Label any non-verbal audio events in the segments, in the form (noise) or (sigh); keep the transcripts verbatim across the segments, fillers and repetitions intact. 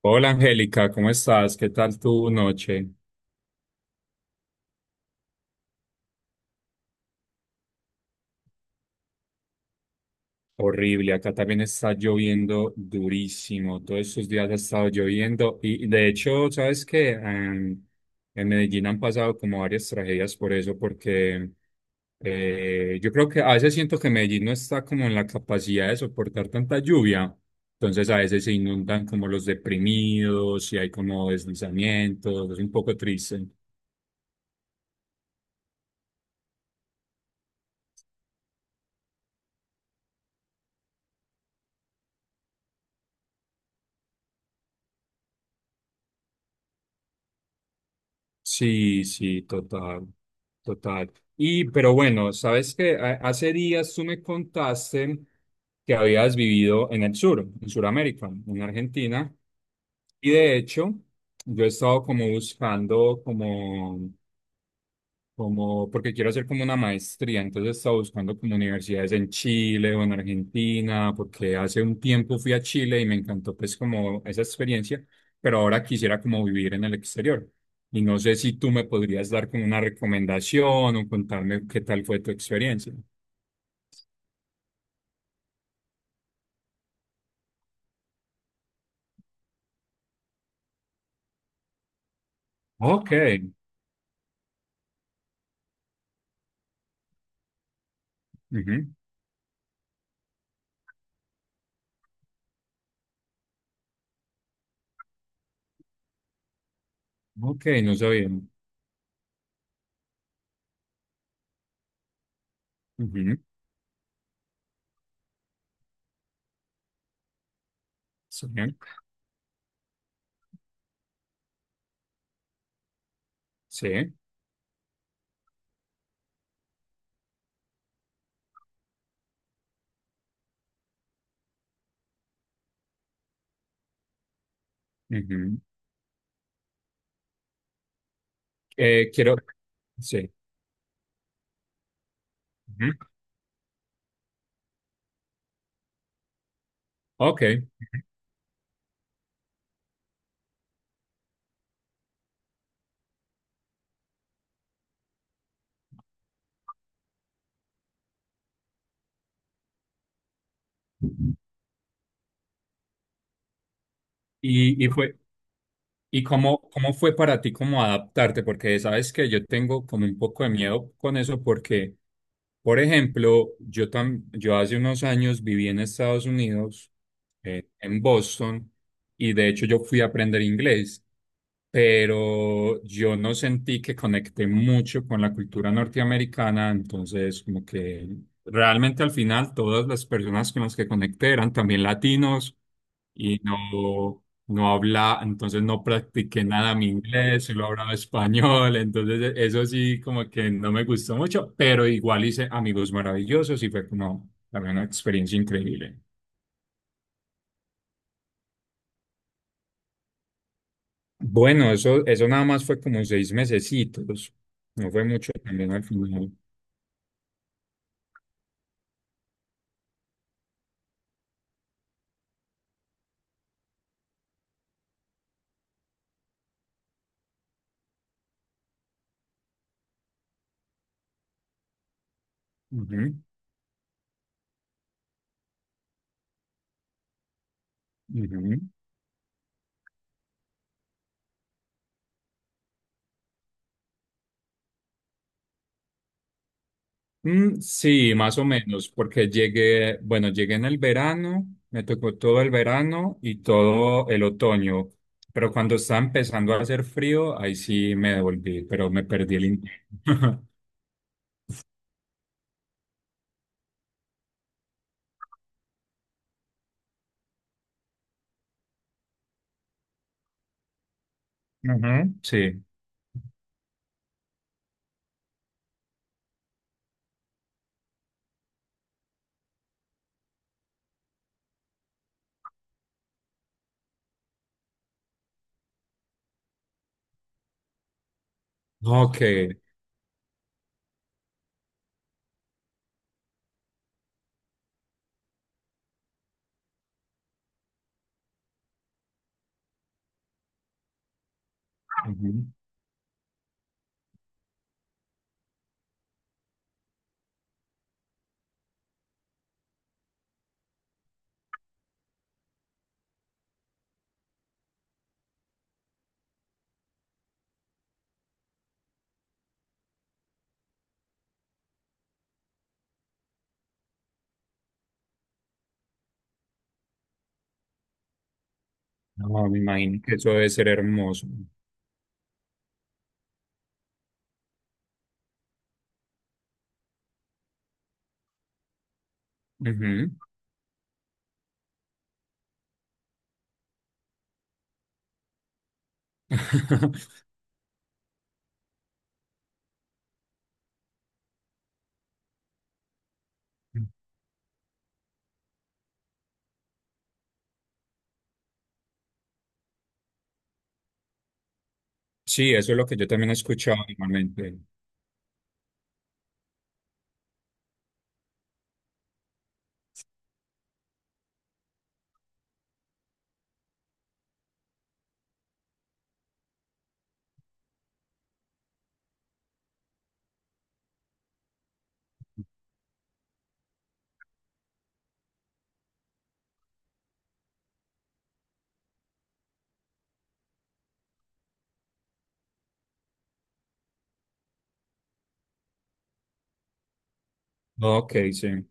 Hola Angélica, ¿cómo estás? ¿Qué tal tu noche? Horrible, acá también está lloviendo durísimo. Todos estos días ha estado lloviendo y de hecho, ¿sabes qué? Em, en Medellín han pasado como varias tragedias por eso, porque eh, yo creo que a veces siento que Medellín no está como en la capacidad de soportar tanta lluvia. Entonces a veces se inundan como los deprimidos y hay como deslizamientos, es un poco triste. Sí, sí, total, total. Y, pero bueno, sabes que hace días tú me contaste que habías vivido en el sur, en Sudamérica, en Argentina, y de hecho, yo he estado como buscando como como porque quiero hacer como una maestría, entonces estaba buscando como universidades en Chile o en Argentina, porque hace un tiempo fui a Chile y me encantó pues como esa experiencia, pero ahora quisiera como vivir en el exterior. Y no sé si tú me podrías dar como una recomendación o contarme qué tal fue tu experiencia. Ok, ujú, ok, no sabía. Ujú. Sí, sí. Ujú. Eh, quiero, sí. Ujú, ok, y, y fue. ¿Y cómo, cómo fue para ti como adaptarte? Porque sabes que yo tengo como un poco de miedo con eso porque, por ejemplo, yo, tam- yo hace unos años viví en Estados Unidos, eh, en Boston, y de hecho yo fui a aprender inglés, pero yo no sentí que conecté mucho con la cultura norteamericana, entonces como que realmente al final todas las personas con las que conecté eran también latinos y no no habla, entonces no practiqué nada mi inglés, solo hablaba español, entonces e- eso sí como que no me gustó mucho, pero igual hice amigos maravillosos y fue como también una experiencia increíble. Bueno, eso, eso nada más fue como seis mesecitos, no fue mucho también al final. Ujú, ujú. Mm, sí, más o menos, porque llegué, bueno, llegué en el verano, me tocó todo el verano y todo el otoño, pero cuando estaba empezando a hacer frío, ahí sí me devolví, pero me perdí el intento. (laughs) Ujú, sí. Ok. Ujú. No, me imagino que eso debe ser hermoso. Ujú. (laughs) Sí, eso es lo que yo también he escuchado normalmente. Ok, sí.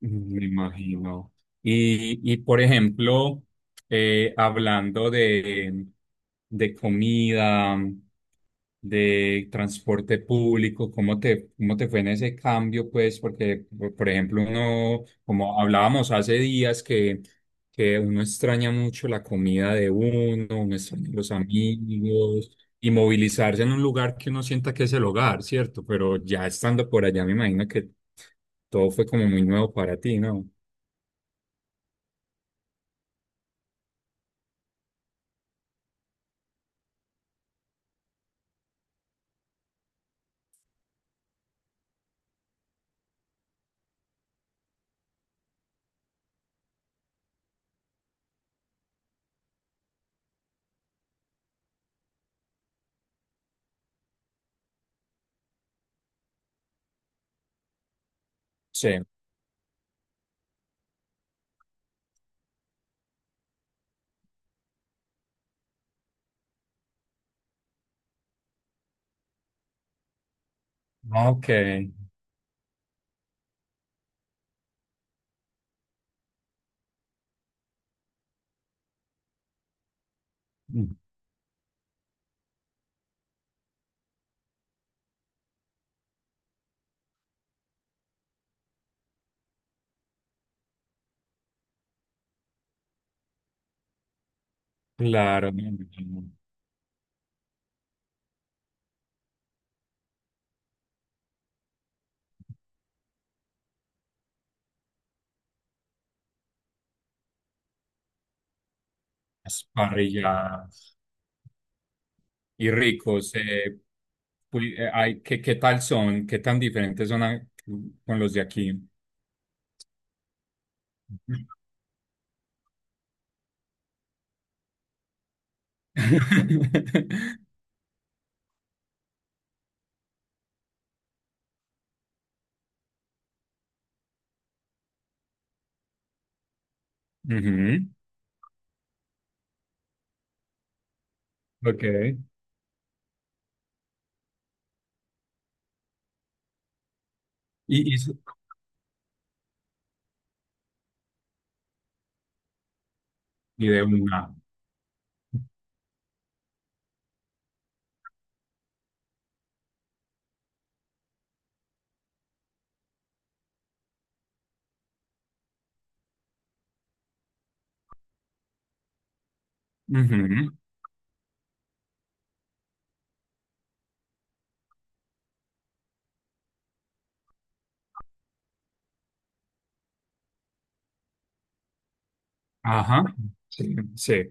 Mm, me imagino. Y, y por ejemplo, eh, hablando de, de comida, de transporte público, ¿cómo te, cómo te fue en ese cambio? Pues porque, por por ejemplo, uno, como hablábamos hace días, que, que uno extraña mucho la comida de uno, uno extraña los amigos, y movilizarse en un lugar que uno sienta que es el hogar, ¿cierto? Pero ya estando por allá, me imagino que todo fue como muy nuevo para ti, ¿no? Sí, ok. Mm, claro, me imagino. Las parrilladas y ricos. Eh, pul- eh, ay, ¿qué, qué tal son? ¿Qué tan diferentes son a- con los de aquí? (laughs) Ujú, ok. Y, y, y de una. Ujú, ajá. Sí, sí.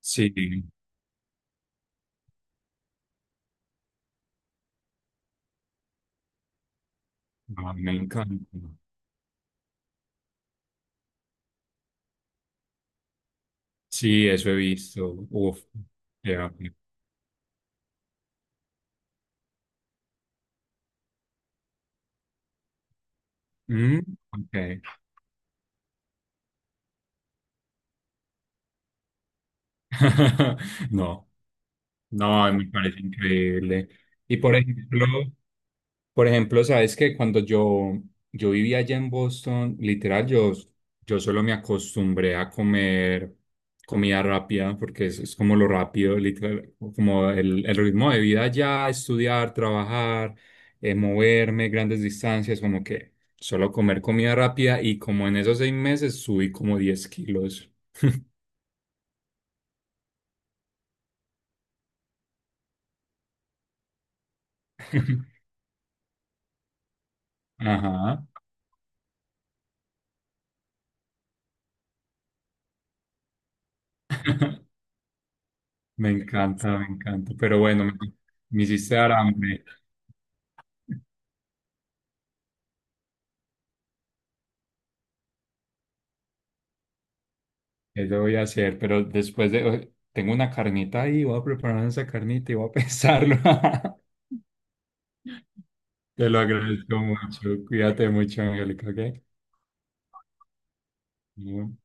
Sí, ah, me encanta. Sí, eso he visto. Uf, ya. Mm, ok. (laughs) No, no, me parece increíble. Y por ejemplo, por ejemplo, sabes que cuando yo, yo vivía allá en Boston, literal, yo, yo solo me acostumbré a comer comida rápida, porque es, es como lo rápido, literal, como el, el ritmo de vida allá, estudiar, trabajar, eh, moverme, grandes distancias, como que solo comer comida rápida y como en esos seis meses subí como diez kilos. (laughs) Ajá, (laughs) me encanta, me encanta, pero bueno, me, me hiciste dar hambre. Eso voy a hacer, pero después de... Tengo una carnita ahí, voy a preparar esa carnita y voy a pensarlo. (laughs) Te lo agradezco mucho. Cuídate mucho, Angélica, ¿ok? Bueno.